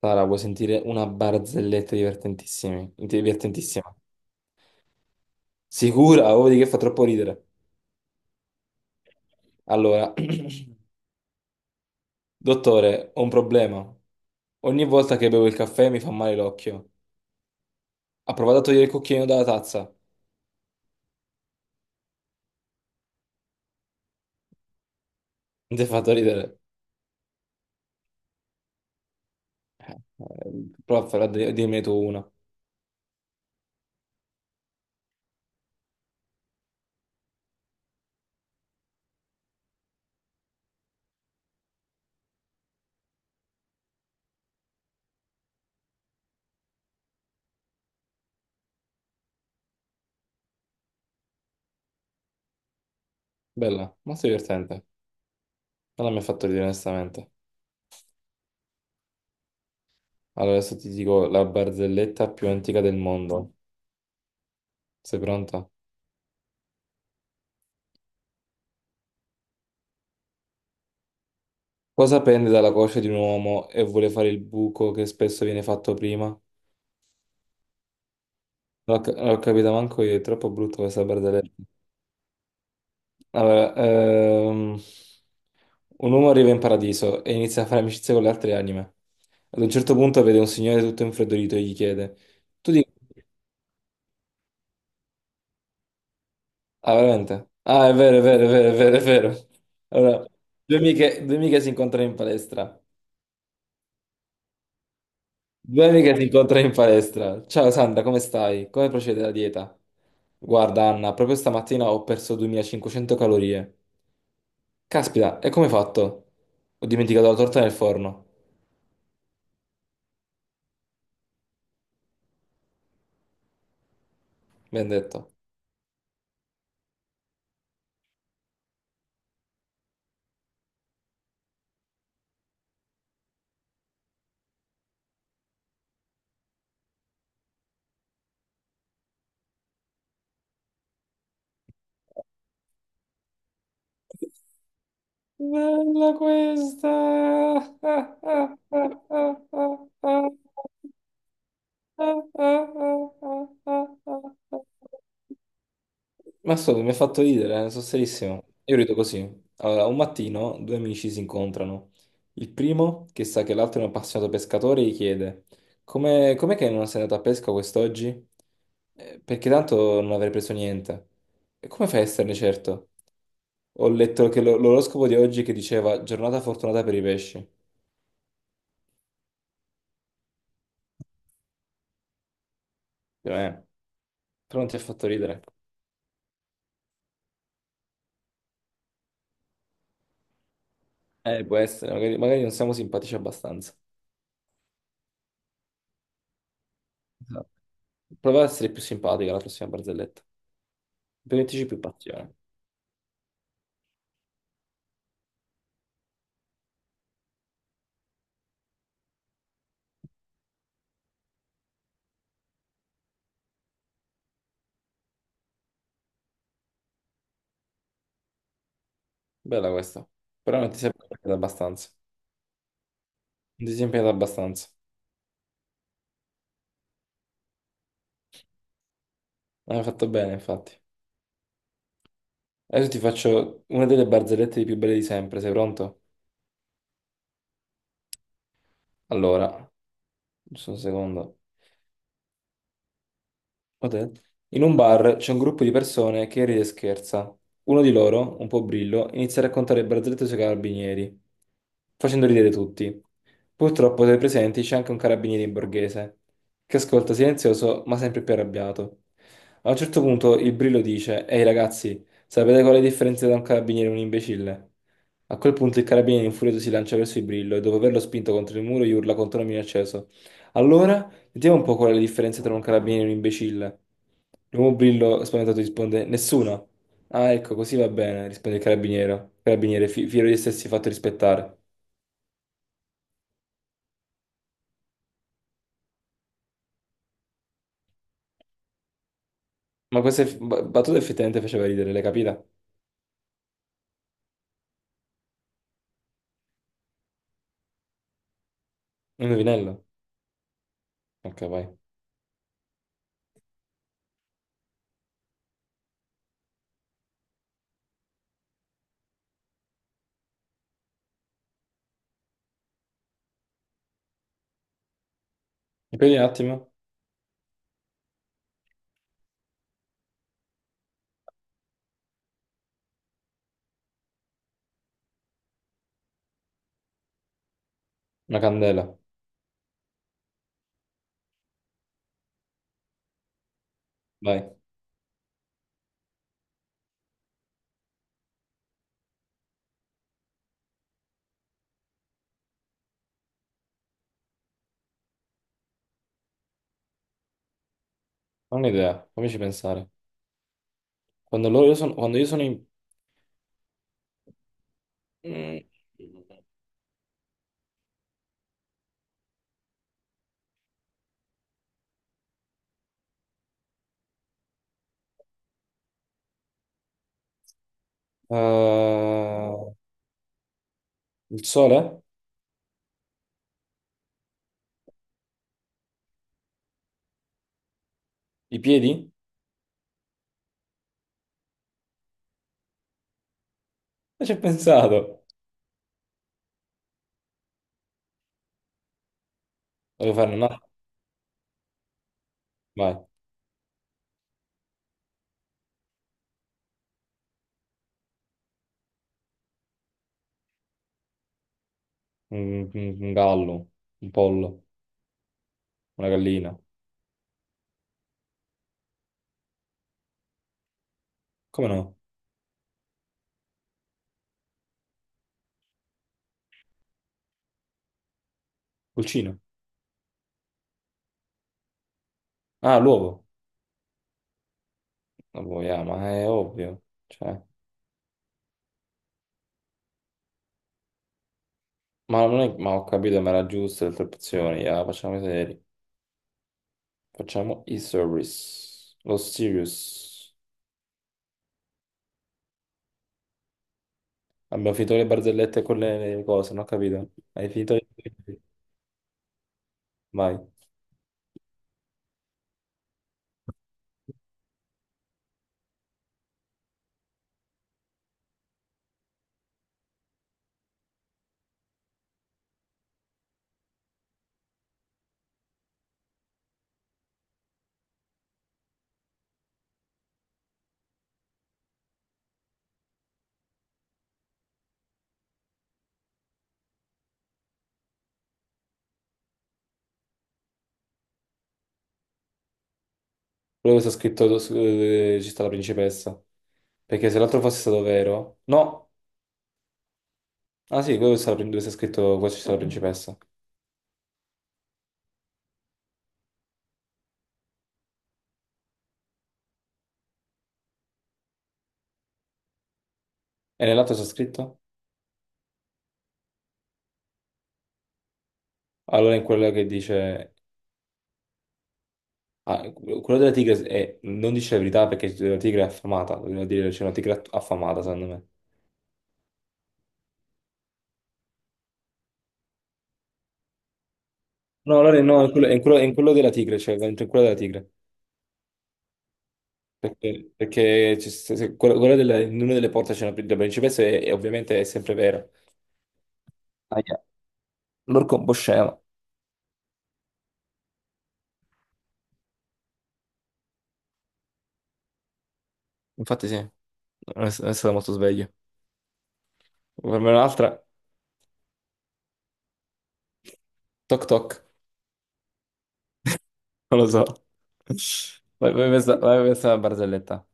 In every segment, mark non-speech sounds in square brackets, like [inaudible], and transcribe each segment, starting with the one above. Sara, vuoi sentire una barzelletta divertentissima? Divertentissima. Sicura? Oh, di che fa troppo ridere. Allora, [clears throat] dottore, ho un problema. Ogni volta che bevo il caffè mi fa male l'occhio. Ha provato a togliere il cucchiaino dalla tazza. Non ti ha fatto ridere. Eh, prova a farla dirmene tu una. Bella, molto divertente. Non mi ha fatto ridere, onestamente. Allora, adesso ti dico la barzelletta più antica del mondo. Sei pronta? Cosa pende dalla coscia di un uomo e vuole fare il buco che spesso viene fatto prima? L'ho capito manco io, è troppo brutto questa barzelletta. Allora, un uomo arriva in paradiso e inizia a fare amicizia con le altre anime. Ad un certo punto vede un signore tutto infreddolito e gli chiede: Tu di... Ah, veramente? Ah, è vero, è vero, è vero, è vero, è vero. Allora, due amiche si incontrano in palestra. Due amiche si incontrano in palestra. Ciao Sandra, come stai? Come procede la dieta? Guarda, Anna, proprio stamattina ho perso 2.500 calorie. Caspita, e come hai fatto? Ho dimenticato la torta nel forno, mi hanno detto. Bella questa! Ah, ah, ah, ah, ah, ah, ah, ah, ah, ah, ah, ah. Ma scusa, mi ha fatto ridere, sono serissimo. Io rido così. Allora, un mattino due amici si incontrano. Il primo, che sa che l'altro è un appassionato pescatore, gli chiede: Come, com'è che non sei andato a pesca quest'oggi? Perché tanto non avrei preso niente. E come fai a esserne certo? Ho letto che l'oroscopo di oggi che diceva giornata fortunata per i pesci. Dico, però non ti ha fatto ridere. Può essere, magari, magari non siamo simpatici abbastanza. Esatto. Prova a essere più simpatica la prossima barzelletta. Mettici più passione. Bella questa. Però non ti sei impegnata abbastanza. Non ti sei impegnata abbastanza. Hai fatto bene, infatti. Adesso ti faccio una delle barzellette più belle di sempre. Sei pronto? Allora, giusto un secondo. Potente. In un bar c'è un gruppo di persone che ride e scherza. Uno di loro, un po' brillo, inizia a raccontare barzellette sui carabinieri, facendo ridere tutti. Purtroppo tra i presenti c'è anche un carabiniere in borghese, che ascolta silenzioso ma sempre più arrabbiato. A un certo punto il brillo dice: Ehi ragazzi, sapete qual è la differenza tra un carabiniere e un imbecille? A quel punto il carabiniere infurioso si lancia verso il brillo e dopo averlo spinto contro il muro gli urla contro un acceso. Allora? Vediamo un po' qual è la differenza tra un carabiniere e un imbecille. L'uomo brillo spaventato risponde: Nessuna. Ah, ecco, così va bene, risponde il carabiniere, carabiniere fiero di essersi fatto rispettare. Ma questa battuta effettivamente faceva ridere, l'hai capita? Un indovinello? Ok, vai. Ripendi un attimo. Una candela. Vai. Ho un'idea, fammici pensare. Quando loro io sono, quando io sono in... Mm. Eh, il sole? I piedi? Non ci ho pensato. Devo fare una... Vai. Un gallo, un pollo, una gallina. Come no? Pulcino. Ah, l'uovo. Vabbè, yeah, ma è ovvio. Cioè, ma non è, ma ho capito, ma era giusto le tre opzioni. Yeah, facciamo i seri. Facciamo i service. Lo serious. Abbiamo finito le barzellette con le cose, non ho capito. Hai finito le... Vai. Quello che sta scritto su- ci sta la principessa. Perché se l'altro fosse stato vero... No! Ah sì, quello che sta- dove sta scritto qua ci sta la principessa. E nell'altro sta scritto? Allora in quello che dice... ah, quello della tigre è- non dice la verità perché la tigre è affamata, doveva dire c'è una tigre affamata, secondo me. No, allora no, è quello, è in quello- è in quello della tigre, cioè in quello della tigre. Perché, perché c'è- quello, quello della- in una delle porte c'è una la principessa e ovviamente è sempre vero. Aia, l'orco è un po' scemo. Infatti sì, non è, non è stato molto sveglio. Per me un'altra, toc toc, [laughs] non lo so. Vai, vai, questa è una barzelletta.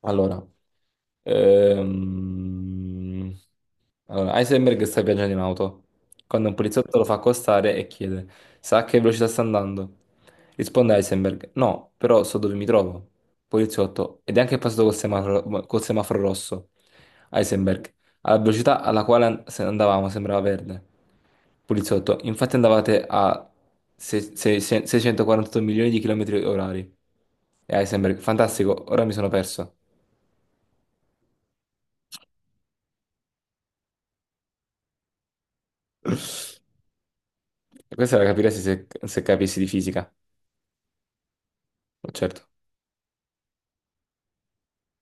Allora. Ehm, allora, Heisenberg sta viaggiando in auto. Quando un poliziotto lo fa accostare e chiede: Sa a che velocità sta andando? Risponde Heisenberg: No, però so dove mi trovo. Poliziotto: Ed è anche passato col semaforo rosso. Heisenberg: Alla velocità alla quale andavamo sembrava verde. Poliziotto: Infatti andavate a 648 milioni di chilometri orari. E Heisenberg: Fantastico, ora mi sono perso. Questa la capiresti se, se capissi di fisica, certo.